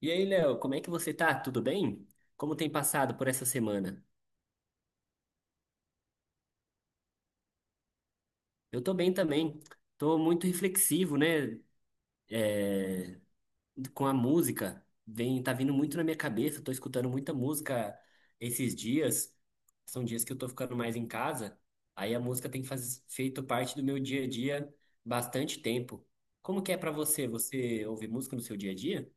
E aí, Léo, como é que você tá? Tudo bem? Como tem passado por essa semana? Eu tô bem também. Tô muito reflexivo, né? É, com a música. Tá vindo muito na minha cabeça. Tô escutando muita música esses dias. São dias que eu tô ficando mais em casa. Aí a música tem feito parte do meu dia a dia bastante tempo. Como que é pra você? Você ouve música no seu dia a dia?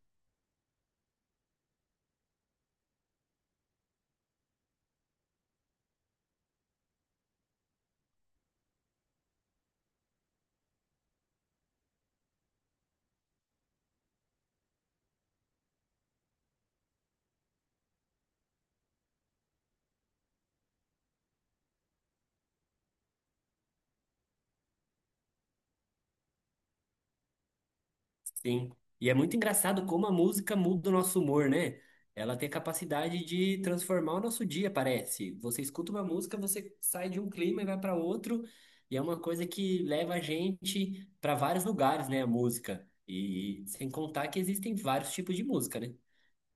Sim. E é muito engraçado como a música muda o nosso humor, né? Ela tem a capacidade de transformar o nosso dia, parece. Você escuta uma música, você sai de um clima e vai para outro, e é uma coisa que leva a gente para vários lugares, né? A música. E sem contar que existem vários tipos de música, né?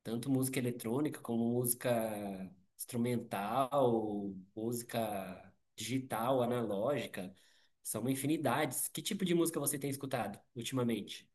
Tanto música eletrônica como música instrumental, música digital, analógica. São uma infinidade. Que tipo de música você tem escutado ultimamente?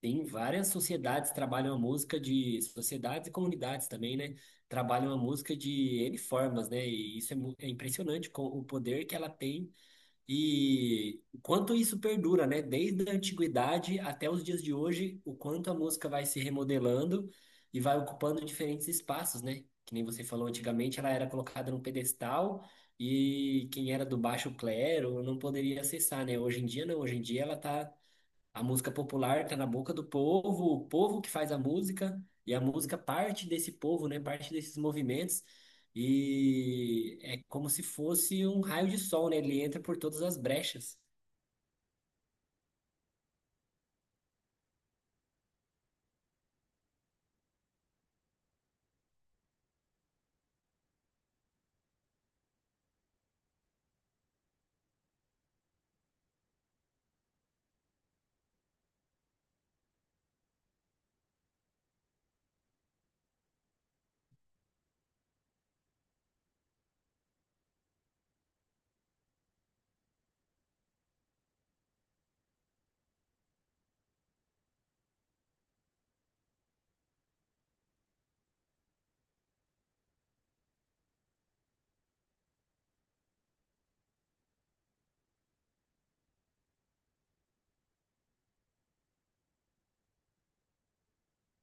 Tem várias sociedades que trabalham a música de sociedades e comunidades também, né? Trabalham a música de N formas, né? E isso é impressionante com o poder que ela tem e o quanto isso perdura, né? Desde a antiguidade até os dias de hoje, o quanto a música vai se remodelando e vai ocupando diferentes espaços, né? Que nem você falou, antigamente ela era colocada num pedestal e quem era do baixo clero não poderia acessar, né? Hoje em dia não, hoje em dia ela tá a música popular está na boca do povo, o povo que faz a música, e a música parte desse povo, né? Parte desses movimentos, e é como se fosse um raio de sol, né? Ele entra por todas as brechas.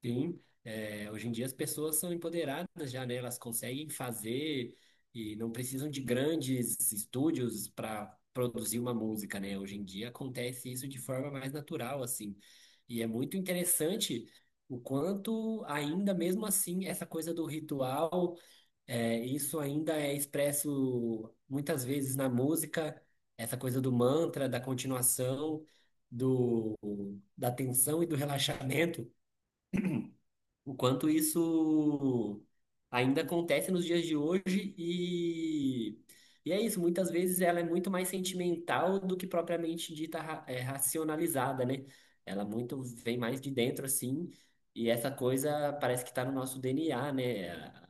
Sim, é, hoje em dia as pessoas são empoderadas já, né? Elas conseguem fazer e não precisam de grandes estúdios para produzir uma música, né? Hoje em dia acontece isso de forma mais natural, assim. E é muito interessante o quanto, ainda mesmo assim, essa coisa do ritual, isso ainda é expresso muitas vezes na música, essa coisa do mantra, da continuação, do, da tensão e do relaxamento. O quanto isso ainda acontece nos dias de hoje e é isso, muitas vezes ela é muito mais sentimental do que propriamente racionalizada, né? Ela muito vem mais de dentro, assim, e essa coisa parece que está no nosso DNA, né?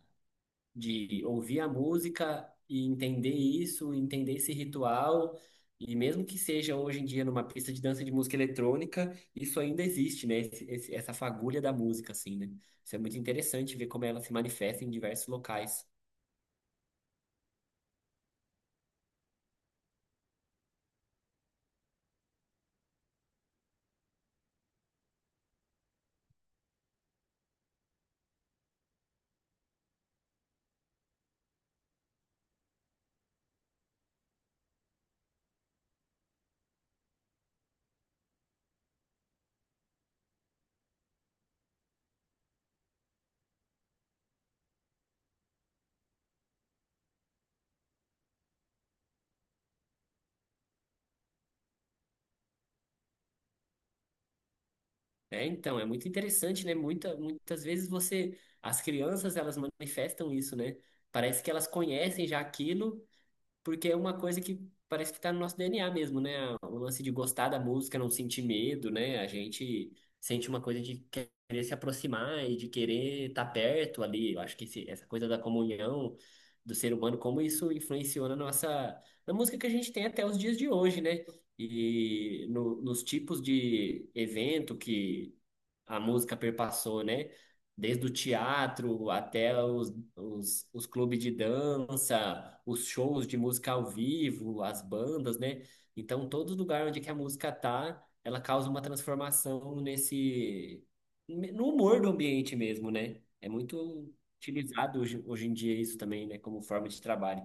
De ouvir a música e entender isso, entender esse ritual. E mesmo que seja hoje em dia numa pista de dança de música eletrônica, isso ainda existe, né? Essa fagulha da música, assim, né? Isso é muito interessante ver como ela se manifesta em diversos locais. É, então, é muito interessante, né? Muitas vezes você, as crianças, elas manifestam isso, né? Parece que elas conhecem já aquilo. Porque é uma coisa que parece que tá no nosso DNA mesmo, né? O lance de gostar da música, não sentir medo, né? A gente sente uma coisa de querer se aproximar e de querer estar perto ali. Eu acho que essa coisa da comunhão do ser humano, como isso influenciou na nossa, na música que a gente tem até os dias de hoje, né? E nos tipos de evento que a música perpassou, né? Desde o teatro até os clubes de dança, os shows de música ao vivo, as bandas, né? Então, todo lugar onde que a música tá, ela causa uma transformação nesse, no humor do ambiente mesmo, né? É muito utilizado hoje, hoje em dia isso também, né? Como forma de trabalho.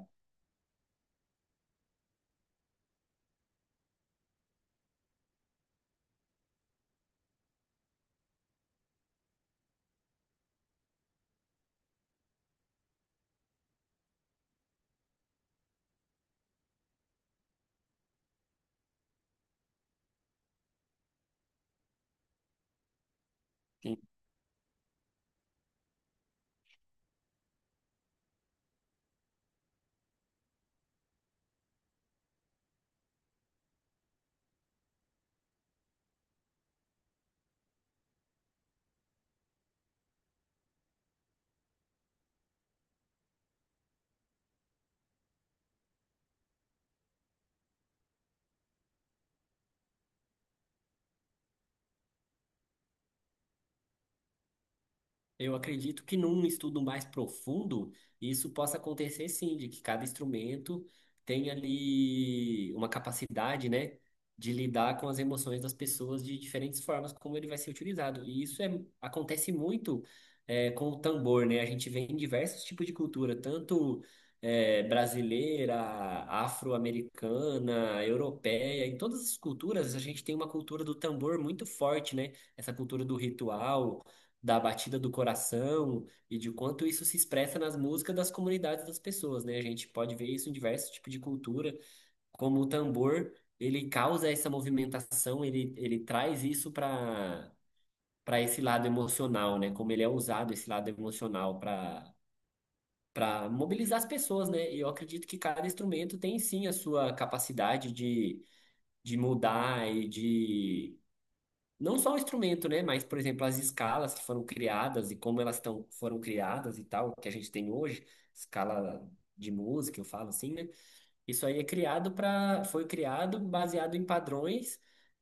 Eu acredito que num estudo mais profundo, isso possa acontecer sim, de que cada instrumento tem ali uma capacidade, né, de lidar com as emoções das pessoas de diferentes formas, como ele vai ser utilizado. E isso é, acontece muito com o tambor, né? A gente vê em diversos tipos de cultura, tanto brasileira, afro-americana, europeia, em todas as culturas a gente tem uma cultura do tambor muito forte, né? Essa cultura do ritual da batida do coração e de quanto isso se expressa nas músicas das comunidades das pessoas, né? A gente pode ver isso em diversos tipos de cultura, como o tambor, ele causa essa movimentação, ele traz isso para para esse lado emocional, né? Como ele é usado esse lado emocional para para mobilizar as pessoas, né? E eu acredito que cada instrumento tem sim a sua capacidade de mudar e de não só o instrumento, né? Mas, por exemplo, as escalas que foram criadas e como elas tão, foram criadas e tal, que a gente tem hoje, escala de música, eu falo assim, né? Isso aí é criado para, foi criado baseado em padrões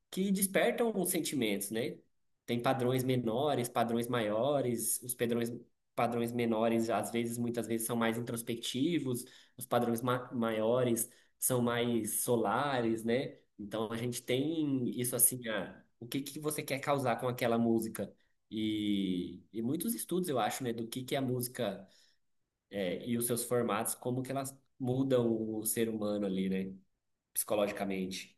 que despertam os sentimentos, né? Tem padrões menores, padrões maiores, os padrões, padrões menores, às vezes, muitas vezes, são mais introspectivos, os padrões ma maiores são mais solares, né? Então, a gente tem isso assim, ah, o que que você quer causar com aquela música? E muitos estudos, eu acho, né, do que a música é, e os seus formatos, como que elas mudam o ser humano ali, né, psicologicamente.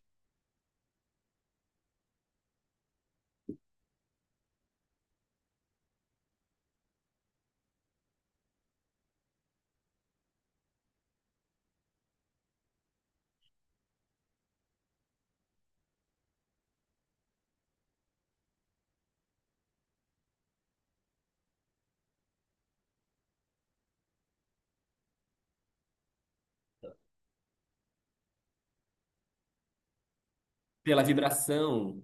Pela vibração,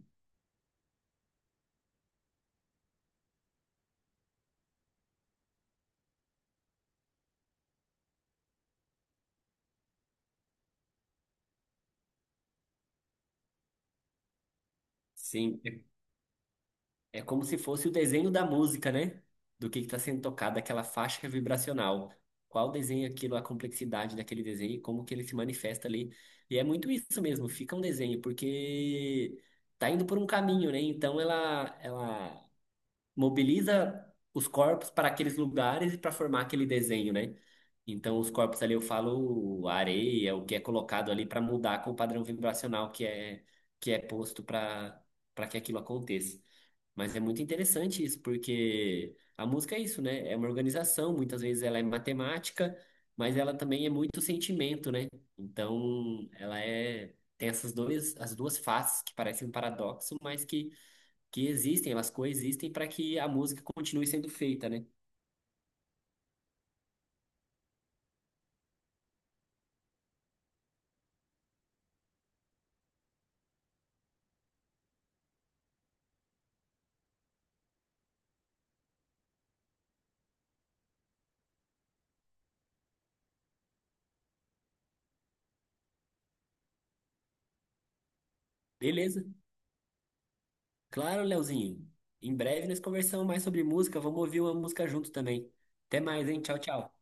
sim. É como se fosse o desenho da música, né? Do que está sendo tocado, aquela faixa vibracional. Qual desenho é aquilo, a complexidade daquele desenho, e como que ele se manifesta ali. E é muito isso mesmo, fica um desenho, porque tá indo por um caminho, né? Então ela mobiliza os corpos para aqueles lugares e para formar aquele desenho, né? Então, os corpos ali, eu falo a areia, o que é colocado ali para mudar com o padrão vibracional que é posto para para que aquilo aconteça. Mas é muito interessante isso, porque a música é isso, né? É uma organização, muitas vezes ela é matemática, mas ela também é muito sentimento, né? Então, ela é tem essas dois, as duas faces que parecem um paradoxo, mas que existem, elas coexistem para que a música continue sendo feita, né? Beleza. Claro, Leozinho. Em breve nós conversamos mais sobre música. Vamos ouvir uma música junto também. Até mais, hein? Tchau, tchau.